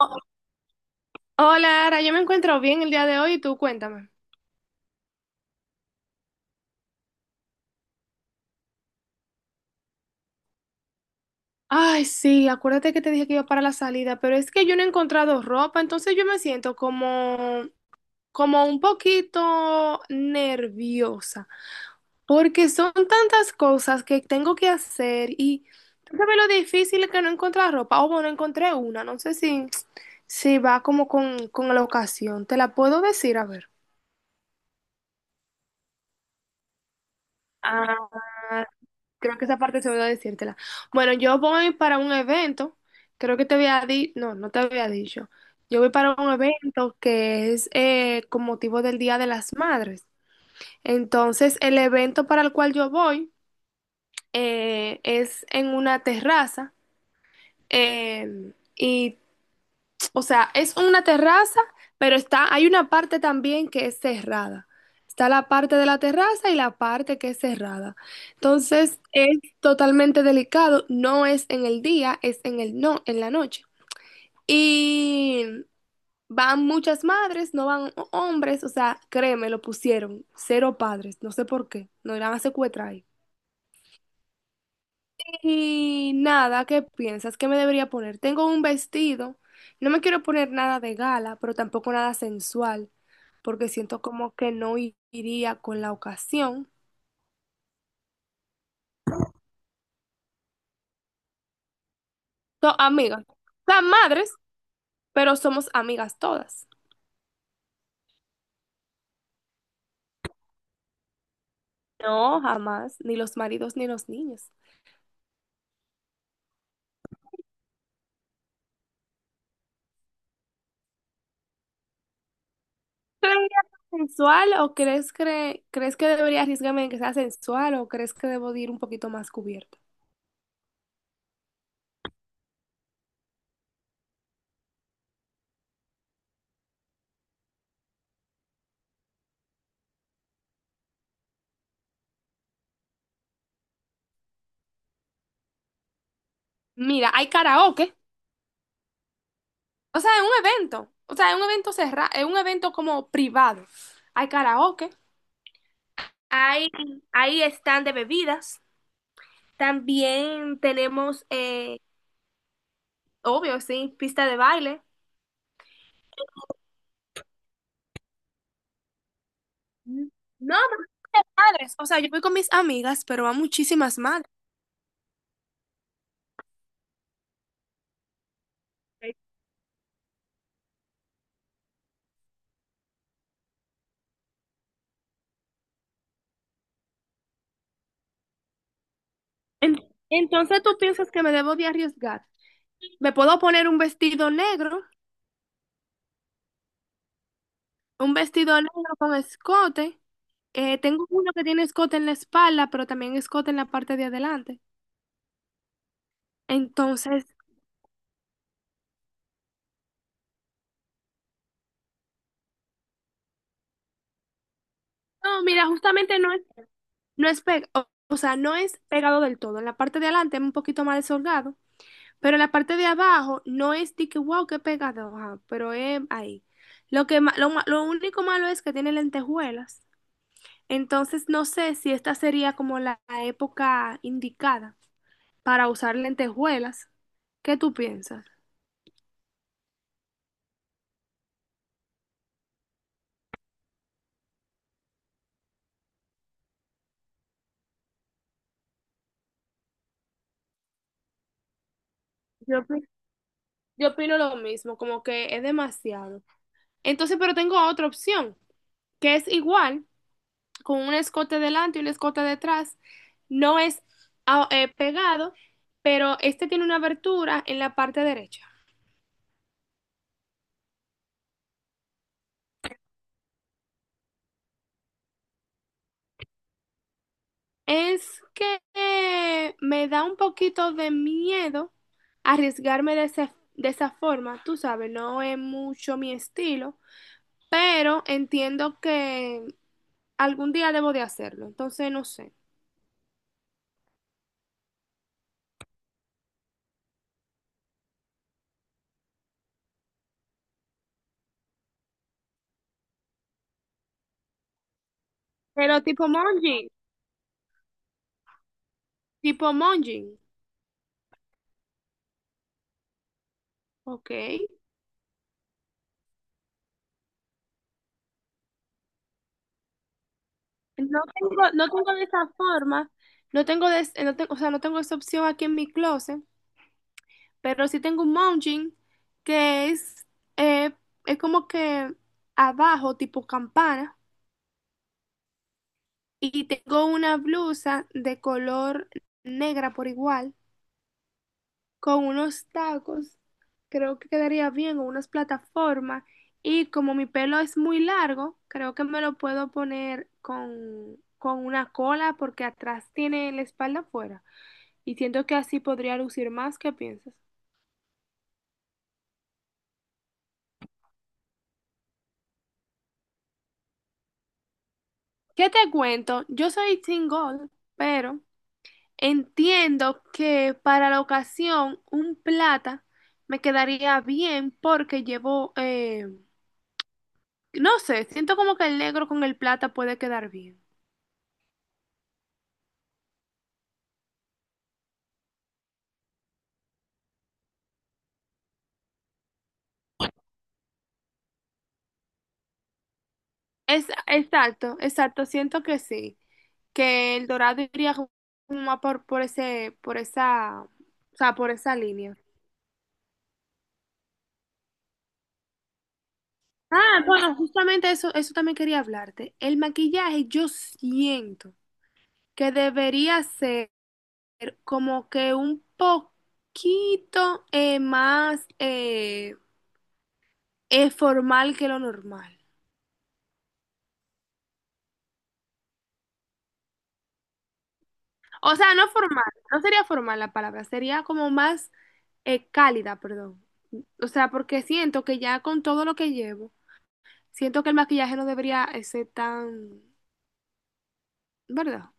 Oh, hola, Ara, yo me encuentro bien el día de hoy y tú cuéntame. Ay, sí, acuérdate que te dije que iba para la salida, pero es que yo no he encontrado ropa, entonces yo me siento como, como un poquito nerviosa, porque son tantas cosas que tengo que hacer y tú sabes lo difícil que no encontrar ropa. O bueno, encontré una, no sé si, si va como con la ocasión. ¿Te la puedo decir? A ver. Ah, creo que esa parte se me olvidó decírtela. Bueno, yo voy para un evento, creo que te había dicho, no te había dicho. Yo voy para un evento que es con motivo del Día de las Madres. Entonces, el evento para el cual yo voy es en una terraza y o sea, es una terraza, pero está, hay una parte también que es cerrada. Está la parte de la terraza y la parte que es cerrada. Entonces, es totalmente delicado. No es en el día, es en el no, en la noche. Y van muchas madres, no van hombres. O sea, créeme, lo pusieron. Cero padres. No sé por qué. No irán a secuestrar ahí. Y nada, ¿qué piensas que me debería poner? Tengo un vestido. No me quiero poner nada de gala, pero tampoco nada sensual, porque siento como que no iría con la ocasión. So, amigas, son madres, pero somos amigas todas. No, jamás, ni los maridos ni los niños. ¿Crees debería ser sensual o crees, crees que debería arriesgarme en que sea sensual o crees que debo de ir un poquito más cubierta? Mira, hay karaoke. O sea, es un evento. O sea, es un evento cerrado, es un evento como privado. Hay karaoke. Hay, hay stand de bebidas. También tenemos, obvio, sí, pista de baile. Mm. No, pero madres. O sea, yo voy con mis amigas, pero va muchísimas madres. En- entonces, ¿tú piensas que me debo de arriesgar? Me puedo poner un vestido negro con escote. Tengo uno que tiene escote en la espalda, pero también escote en la parte de adelante. Entonces, no, mira, justamente no es, no es o sea, no es pegado del todo. En la parte de adelante es un poquito más desolgado, pero en la parte de abajo no es de que wow, qué pegado, ajá, pero es ahí. Lo que lo único malo es que tiene lentejuelas. Entonces no sé si esta sería como la época indicada para usar lentejuelas. ¿Qué tú piensas? Yo, opi- yo opino lo mismo, como que es demasiado. Entonces, pero tengo otra opción, que es igual, con un escote delante y un escote detrás. No es pegado, pero este tiene una abertura en la parte derecha. Es que me da un poquito de miedo arriesgarme de esa forma, tú sabes, no es mucho mi estilo, pero entiendo que algún día debo de hacerlo, entonces no sé. Pero tipo Monji, ok. No tengo, no tengo de esa forma, no tengo de, no tengo, o sea, no tengo esa opción aquí en mi closet, pero sí tengo un mounting que eh, es como que abajo, tipo campana, y tengo una blusa de color negra por igual, con unos tacos, creo que quedaría bien, o unas plataformas, y como mi pelo es muy largo, creo que me lo puedo poner con una cola porque atrás tiene la espalda afuera. Y siento que así podría lucir más. ¿Qué piensas? ¿Qué te cuento? Yo soy single, pero entiendo que para la ocasión un plata me quedaría bien porque llevo, no sé, siento como que el negro con el plata puede quedar bien. Es, exacto, exacto, siento que sí, que el dorado iría como más por ese, por esa, o sea, por esa línea. Ah, bueno, justamente eso, eso también quería hablarte. El maquillaje, yo siento que debería ser como que un poquito más formal que lo normal. O sea, no formal, no sería formal la palabra, sería como más cálida, perdón. O sea, porque siento que ya con todo lo que llevo, siento que el maquillaje no debería ser tan, ¿verdad?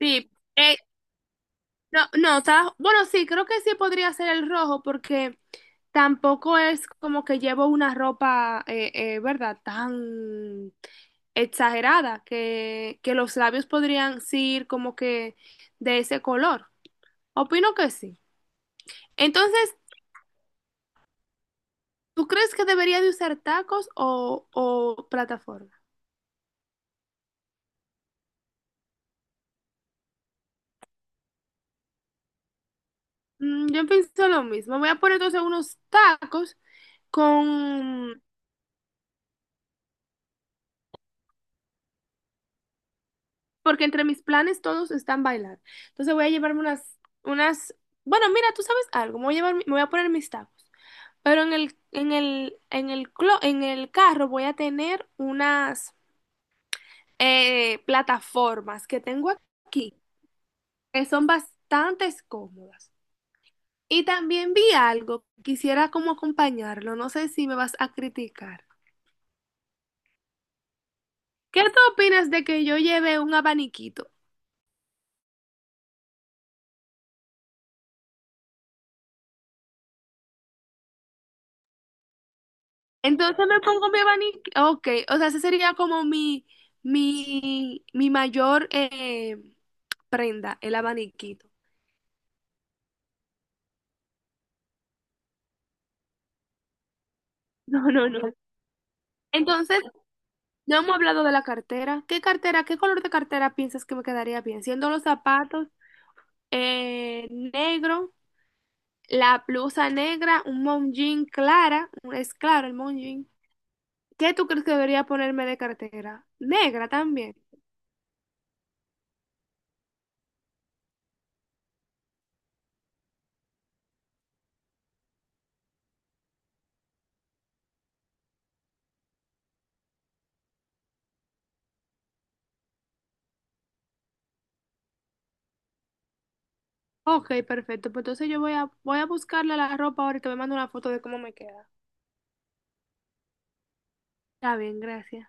Sí, eh, no, no, o bueno, sí, creo que sí podría ser el rojo porque tampoco es como que llevo una ropa, ¿verdad? Tan exagerada que los labios podrían ser como que de ese color. Opino que sí. Entonces, ¿tú crees que debería de usar tacos o plataforma? Mm, yo pienso lo mismo. Voy a poner entonces unos tacos con, porque entre mis planes todos están bailar. Entonces voy a llevarme bueno, mira, tú sabes algo, me voy a llevar, me voy a poner mis tacos, pero en en el carro voy a tener unas plataformas que tengo aquí, que son bastante cómodas. Y también vi algo, quisiera como acompañarlo, no sé si me vas a criticar. ¿Qué tú opinas de que yo lleve un abaniquito? Entonces me pongo mi abanico, ok, o sea, ese sería como mi mayor prenda, el abaniquito. No, no, no. Entonces, no hemos hablado de la cartera. ¿Qué cartera, qué color de cartera piensas que me quedaría bien? Siendo los zapatos negro, la blusa negra, un mom jean clara, es claro el mom jean. ¿Qué tú crees que debería ponerme de cartera? Negra también. Ok, perfecto. Pues entonces yo voy a, voy a buscarle la ropa ahora y te voy a mandar una foto de cómo me queda. Está bien, gracias.